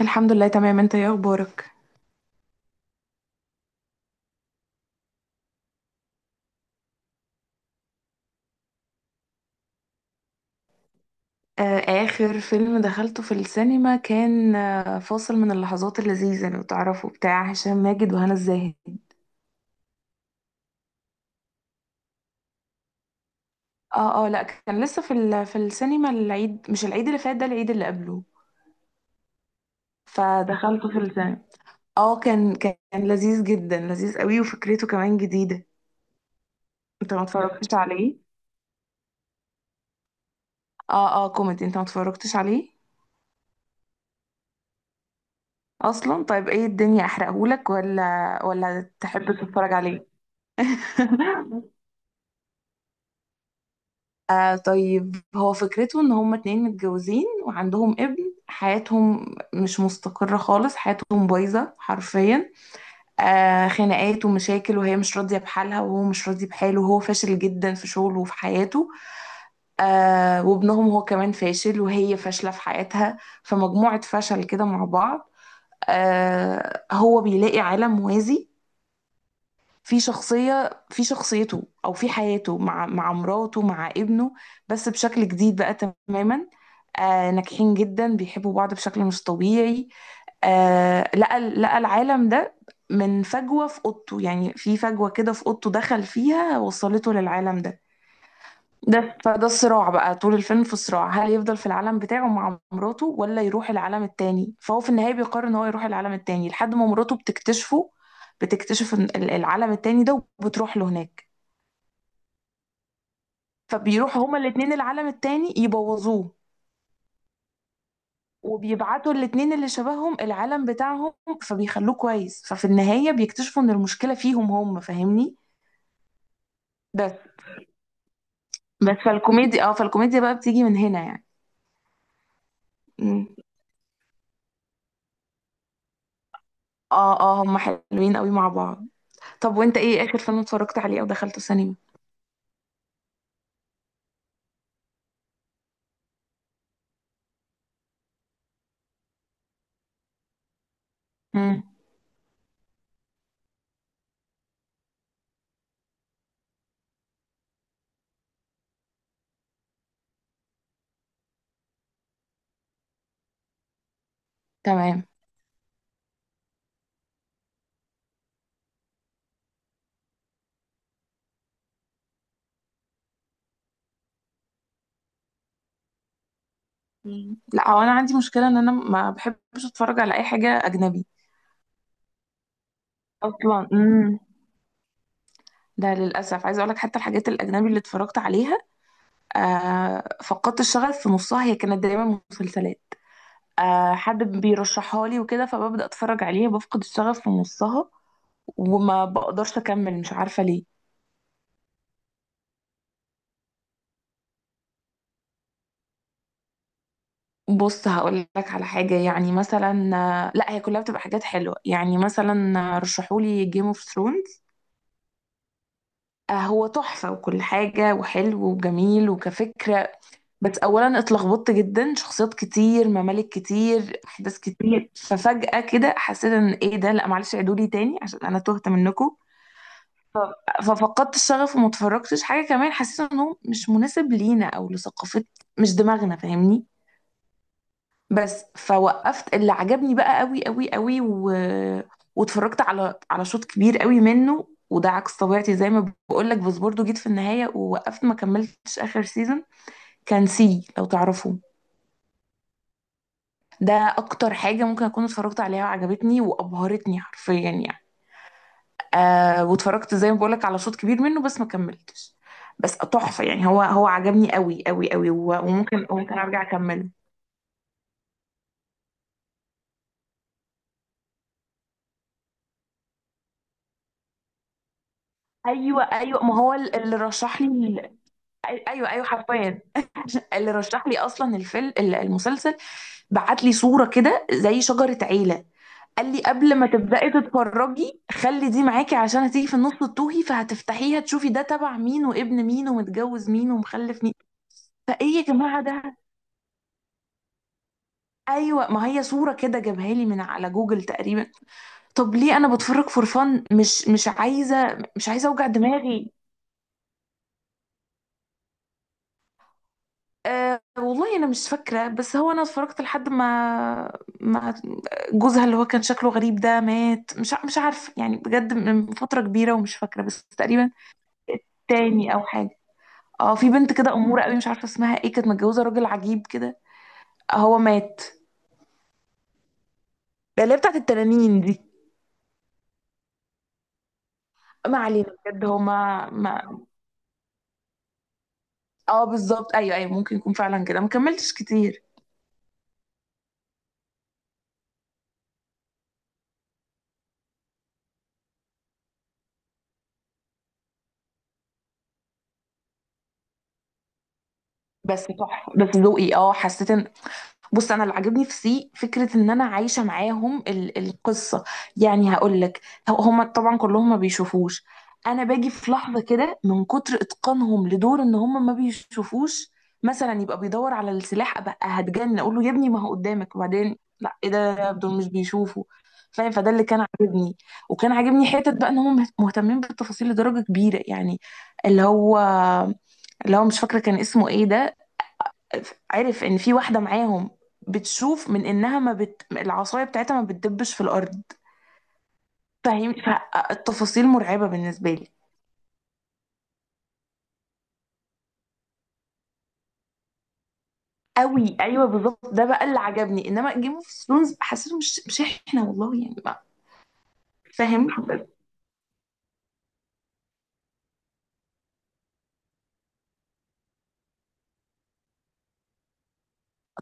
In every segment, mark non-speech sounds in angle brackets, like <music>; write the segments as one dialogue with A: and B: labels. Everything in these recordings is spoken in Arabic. A: الحمد لله، تمام. انت ايه اخبارك؟ اخر فيلم دخلته في السينما كان فاصل من اللحظات اللذيذه، لو تعرفوا، بتاع هشام ماجد وهنا الزاهد. اه اه، لا كان لسه في السينما العيد، مش العيد اللي فات، ده العيد اللي قبله. فدخلته في السينما. اه، كان لذيذ جدا، لذيذ قوي، وفكرته كمان جديده. انت ما اتفرجتش عليه؟ اه اه، كوميدي. انت ما اتفرجتش عليه؟ اصلا؟ طيب ايه الدنيا، احرقهولك ولا؟ ولا تحب تتفرج عليه؟ <laughs> طيب، هو فكرته ان هما اتنين متجوزين وعندهم ابن، حياتهم مش مستقرة خالص، حياتهم بايظة حرفيا. خناقات ومشاكل، وهي مش راضية بحالها، وهو مش راضي بحاله، وهو فاشل جدا في شغله وفي حياته. وابنهم هو كمان فاشل، وهي فاشلة في حياتها. فمجموعة فشل كده مع بعض. هو بيلاقي عالم موازي في شخصيته، أو في حياته، مع مراته، مع ابنه. بس بشكل جديد بقى. تماما. ناجحين جدا، بيحبوا بعض بشكل مش طبيعي. لقى العالم ده، من فجوة في أوضته، يعني في فجوة كده في أوضته، دخل فيها وصلته للعالم ده. فده الصراع بقى، طول الفيلم في الصراع: هل يفضل في العالم بتاعه مع مراته ولا يروح العالم التاني. فهو في النهاية بيقرر ان هو يروح العالم التاني، لحد ما مراته بتكتشفه. بتكتشف إن العالم التاني ده، وبتروح له هناك. فبيروح هما الاتنين العالم التاني يبوظوه. وبيبعتوا الاتنين اللي شبههم العالم بتاعهم، فبيخلوه كويس. ففي النهاية بيكتشفوا ان المشكلة فيهم هم، فاهمني. بس. بس فالكوميديا بقى بتيجي من هنا يعني. م. اه اه، هما حلوين قوي مع بعض. طب وانت ايه اخر فيلم اتفرجت عليه او دخلته سينما؟ امم تمام. مم. لا هو انا عندي مشكله، ان انا ما بحبش اتفرج على اي حاجه اجنبي اصلا. ده للاسف، عايزه اقول لك حتى الحاجات الاجنبي اللي اتفرجت عليها، فقدت الشغف في نصها. هي كانت دايما مسلسلات، حد بيرشحها لي وكده، فببدا اتفرج عليها بفقد الشغف في نصها، وما بقدرش اكمل، مش عارفه ليه. بص، هقول لك على حاجة، يعني مثلا، لا هي كلها بتبقى حاجات حلوة. يعني مثلا رشحولي جيم اوف ثرونز، هو تحفة وكل حاجة، وحلو وجميل وكفكرة. بس أولا اتلخبطت جدا، شخصيات كتير، ممالك كتير، أحداث كتير، ففجأة كده حسيت إن إيه ده، لا معلش عيدولي تاني عشان أنا تهت منكم. ففقدت الشغف وما اتفرجتش حاجة. كمان حسيت إنه مش مناسب لينا، أو لثقافة، مش دماغنا، فاهمني. بس فوقفت. اللي عجبني بقى قوي قوي قوي، واتفرجت على شوط كبير قوي منه، وده عكس طبيعتي زي ما بقول لك. بس برضه جيت في النهاية ووقفت، ما كملتش آخر سيزون. كان سي، لو تعرفوه. ده أكتر حاجة ممكن أكون اتفرجت عليها وعجبتني وأبهرتني حرفيا يعني. واتفرجت زي ما بقول لك على شوط كبير منه، بس ما كملتش. بس تحفة يعني. هو عجبني قوي قوي قوي، وممكن أرجع أكمله. ايوه ايوه، ما هو اللي رشح لي. ايوه ايوه حرفيا، <laughs> اللي رشح لي اصلا الفيلم، المسلسل، بعت لي صوره كده زي شجره عيله. قال لي قبل ما تبداي تتفرجي، خلي دي معاكي عشان هتيجي في النص تتوهي، فهتفتحيها تشوفي ده تبع مين، وابن مين، ومتجوز مين، ومخلف مين. فايه يا جماعه ده؟ ايوه، ما هي صوره كده جابها لي من على جوجل تقريبا. طب ليه، انا بتفرج فور فن، مش عايزه اوجع دماغي. أه والله انا مش فاكره، بس هو انا اتفرجت لحد ما جوزها اللي هو كان شكله غريب ده مات. مش عارفه يعني بجد، من فتره كبيره ومش فاكره، بس تقريبا التاني او حاجه. اه، في بنت كده اموره قوي، مش عارفه اسمها ايه، كانت متجوزه راجل عجيب كده، هو مات، ده اللي هي بتاعت التنانين دي. ما علينا بجد، هو ما اه بالظبط، ايوه ايوه، ممكن يكون فعلا كده، ما كملتش كتير. بس تحفه، بس ذوقي، حسيت ان... بص، انا اللي عاجبني في سي، فكره ان انا عايشه معاهم القصه. يعني هقول لك، هم طبعا كلهم ما بيشوفوش، انا باجي في لحظه كده من كتر اتقانهم لدور ان هم ما بيشوفوش. مثلا يبقى بيدور على السلاح، ابقى هتجن، اقول له يا ابني ما هو قدامك، وبعدين لا، ايه ده، دول مش بيشوفوا. فاهم، فده اللي كان عاجبني. وكان عاجبني حته بقى، ان هم مهتمين بالتفاصيل لدرجه كبيره يعني. اللي هو، اللي هو مش فاكره كان اسمه ايه ده، عرف ان في واحده معاهم بتشوف من انها ما بت... العصايه بتاعتها ما بتدبش في الارض، فاهم، فالتفاصيل مرعبه بالنسبه لي. قوي، ايوه بالظبط، ده بقى اللي عجبني. انما جيم اوف ثرونز حسيته مش احنا والله يعني بقى. فاهم.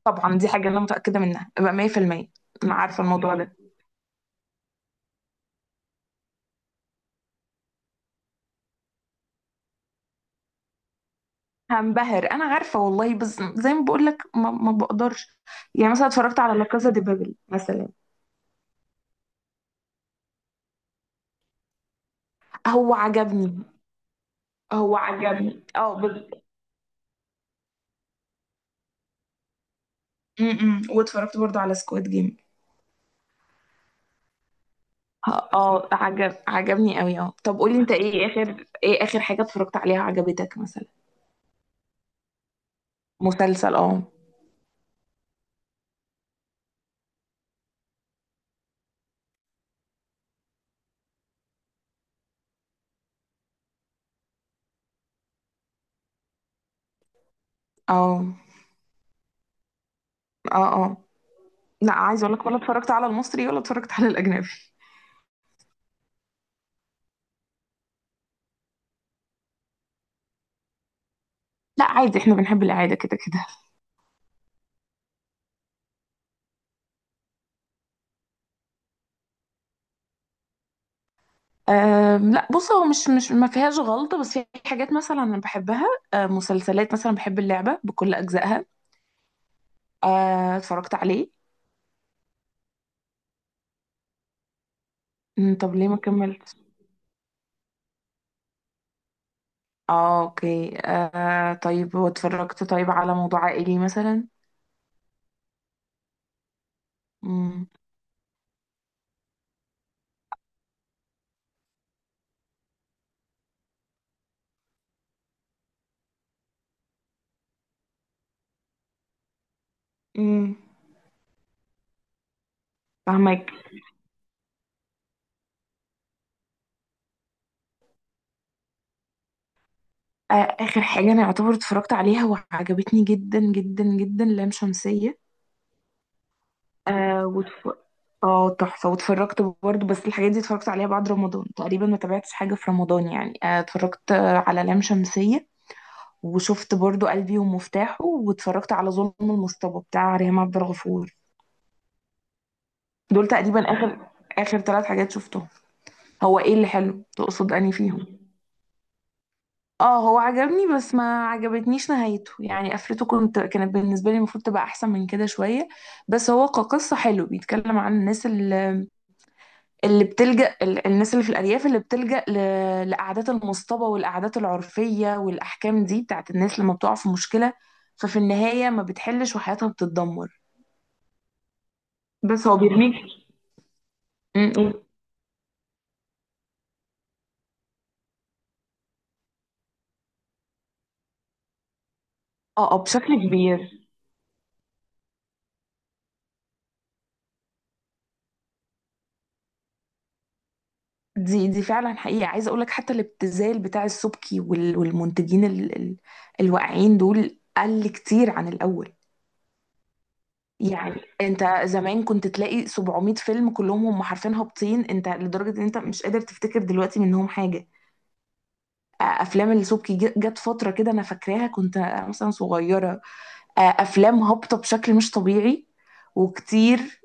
A: طبعا دي حاجه انا متاكده منها بقى 100%. انا عارفه الموضوع ده. هنبهر، انا عارفه والله، بس زي ما بقول لك ما بقدرش. يعني مثلا اتفرجت على لا كازا دي بابل مثلا، هو عجبني. هو عجبني، بس... واتفرجت برضو على سكواد جيم. عجبني قوي. اه طب قولي، انت ايه اخر، ايه اخر حاجة اتفرجت عليها عجبتك مثلا؟ مسلسل، اه اه، اه لا عايزة اقول لك ولا اتفرجت على المصري ولا اتفرجت على الاجنبي. لا عادي، احنا بنحب العادة كده كده. لا، بص، هو مش مش ما فيهاش غلطة، بس في حاجات مثلا انا بحبها. مسلسلات، مثلا بحب اللعبة بكل اجزائها. أه اتفرجت عليه. طب ليه ما كملتش؟ اه اوكي. طيب، واتفرجت طيب على موضوع عائلي مثلا؟ امم امم فاهمك. آه اخر حاجة انا اعتبر اتفرجت عليها وعجبتني جدا جدا جدا، لام شمسية. آه وتف... اه تحفة. واتفرجت برضه، بس الحاجات دي اتفرجت عليها بعد رمضان تقريبا، ما تابعتش حاجة في رمضان يعني. اتفرجت على لام شمسية، وشفت برضه قلبي ومفتاحه، واتفرجت على ظلم المصطبة بتاع ريهام عبد الغفور. دول تقريبا اخر ثلاث حاجات شفتهم. هو ايه اللي حلو تقصد اني فيهم؟ اه، هو عجبني، بس ما عجبتنيش نهايته يعني، قفلته. كانت بالنسبه لي المفروض تبقى احسن من كده شويه. بس هو كقصه حلو، بيتكلم عن الناس اللي، الناس اللي في الارياف اللي بتلجأ لقعدات المصطبه والقعدات العرفيه والاحكام دي بتاعت الناس لما بتقع في مشكله، ففي النهايه ما بتحلش وحياتها بتتدمر. بس هو بيرميك. م- م. اه بشكل كبير. دي فعلا حقيقة، عايزة اقول لك حتى الابتذال بتاع السبكي والمنتجين الواقعين دول قل كتير عن الاول. يعني انت زمان كنت تلاقي 700 فيلم كلهم، هم حرفيا هابطين، انت لدرجة ان انت مش قادر تفتكر دلوقتي منهم حاجة. افلام السبكي جت فترة كده انا فاكراها، كنت مثلا صغيرة، افلام هابطه بشكل مش طبيعي وكتير.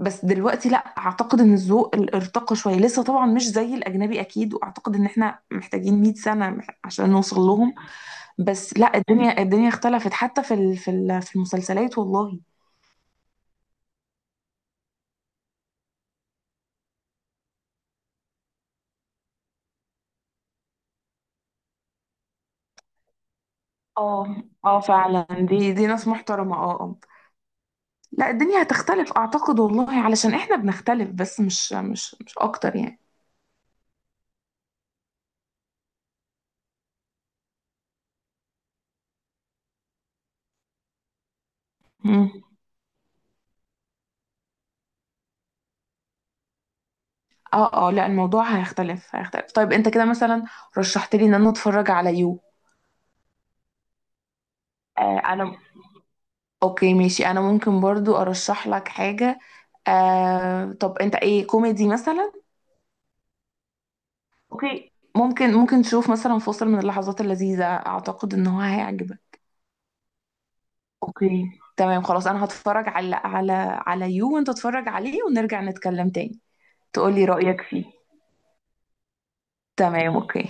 A: بس دلوقتي لا، اعتقد ان الذوق ارتقى شويه، لسه طبعا مش زي الاجنبي اكيد، واعتقد ان احنا محتاجين 100 سنه عشان نوصل لهم. بس لا، الدنيا اختلفت، حتى في المسلسلات والله. اه اه، فعلا، دي ناس محترمه، اه اه. لا الدنيا هتختلف اعتقد والله، علشان احنا بنختلف، بس مش اكتر يعني. مم. اه اه، لا الموضوع هيختلف هيختلف. طيب انت كده مثلا رشحت لي ان انا اتفرج على يو. انا اوكي، ماشي. انا ممكن برضو ارشح لك حاجة، طب انت ايه كوميدي مثلا؟ اوكي، ممكن تشوف مثلا فاصل من اللحظات اللذيذة، اعتقد ان هو هيعجبك. اوكي، تمام خلاص، انا هتفرج على يو، وانت اتفرج عليه ونرجع نتكلم تاني، تقولي رأيك فيه. تمام اوكي.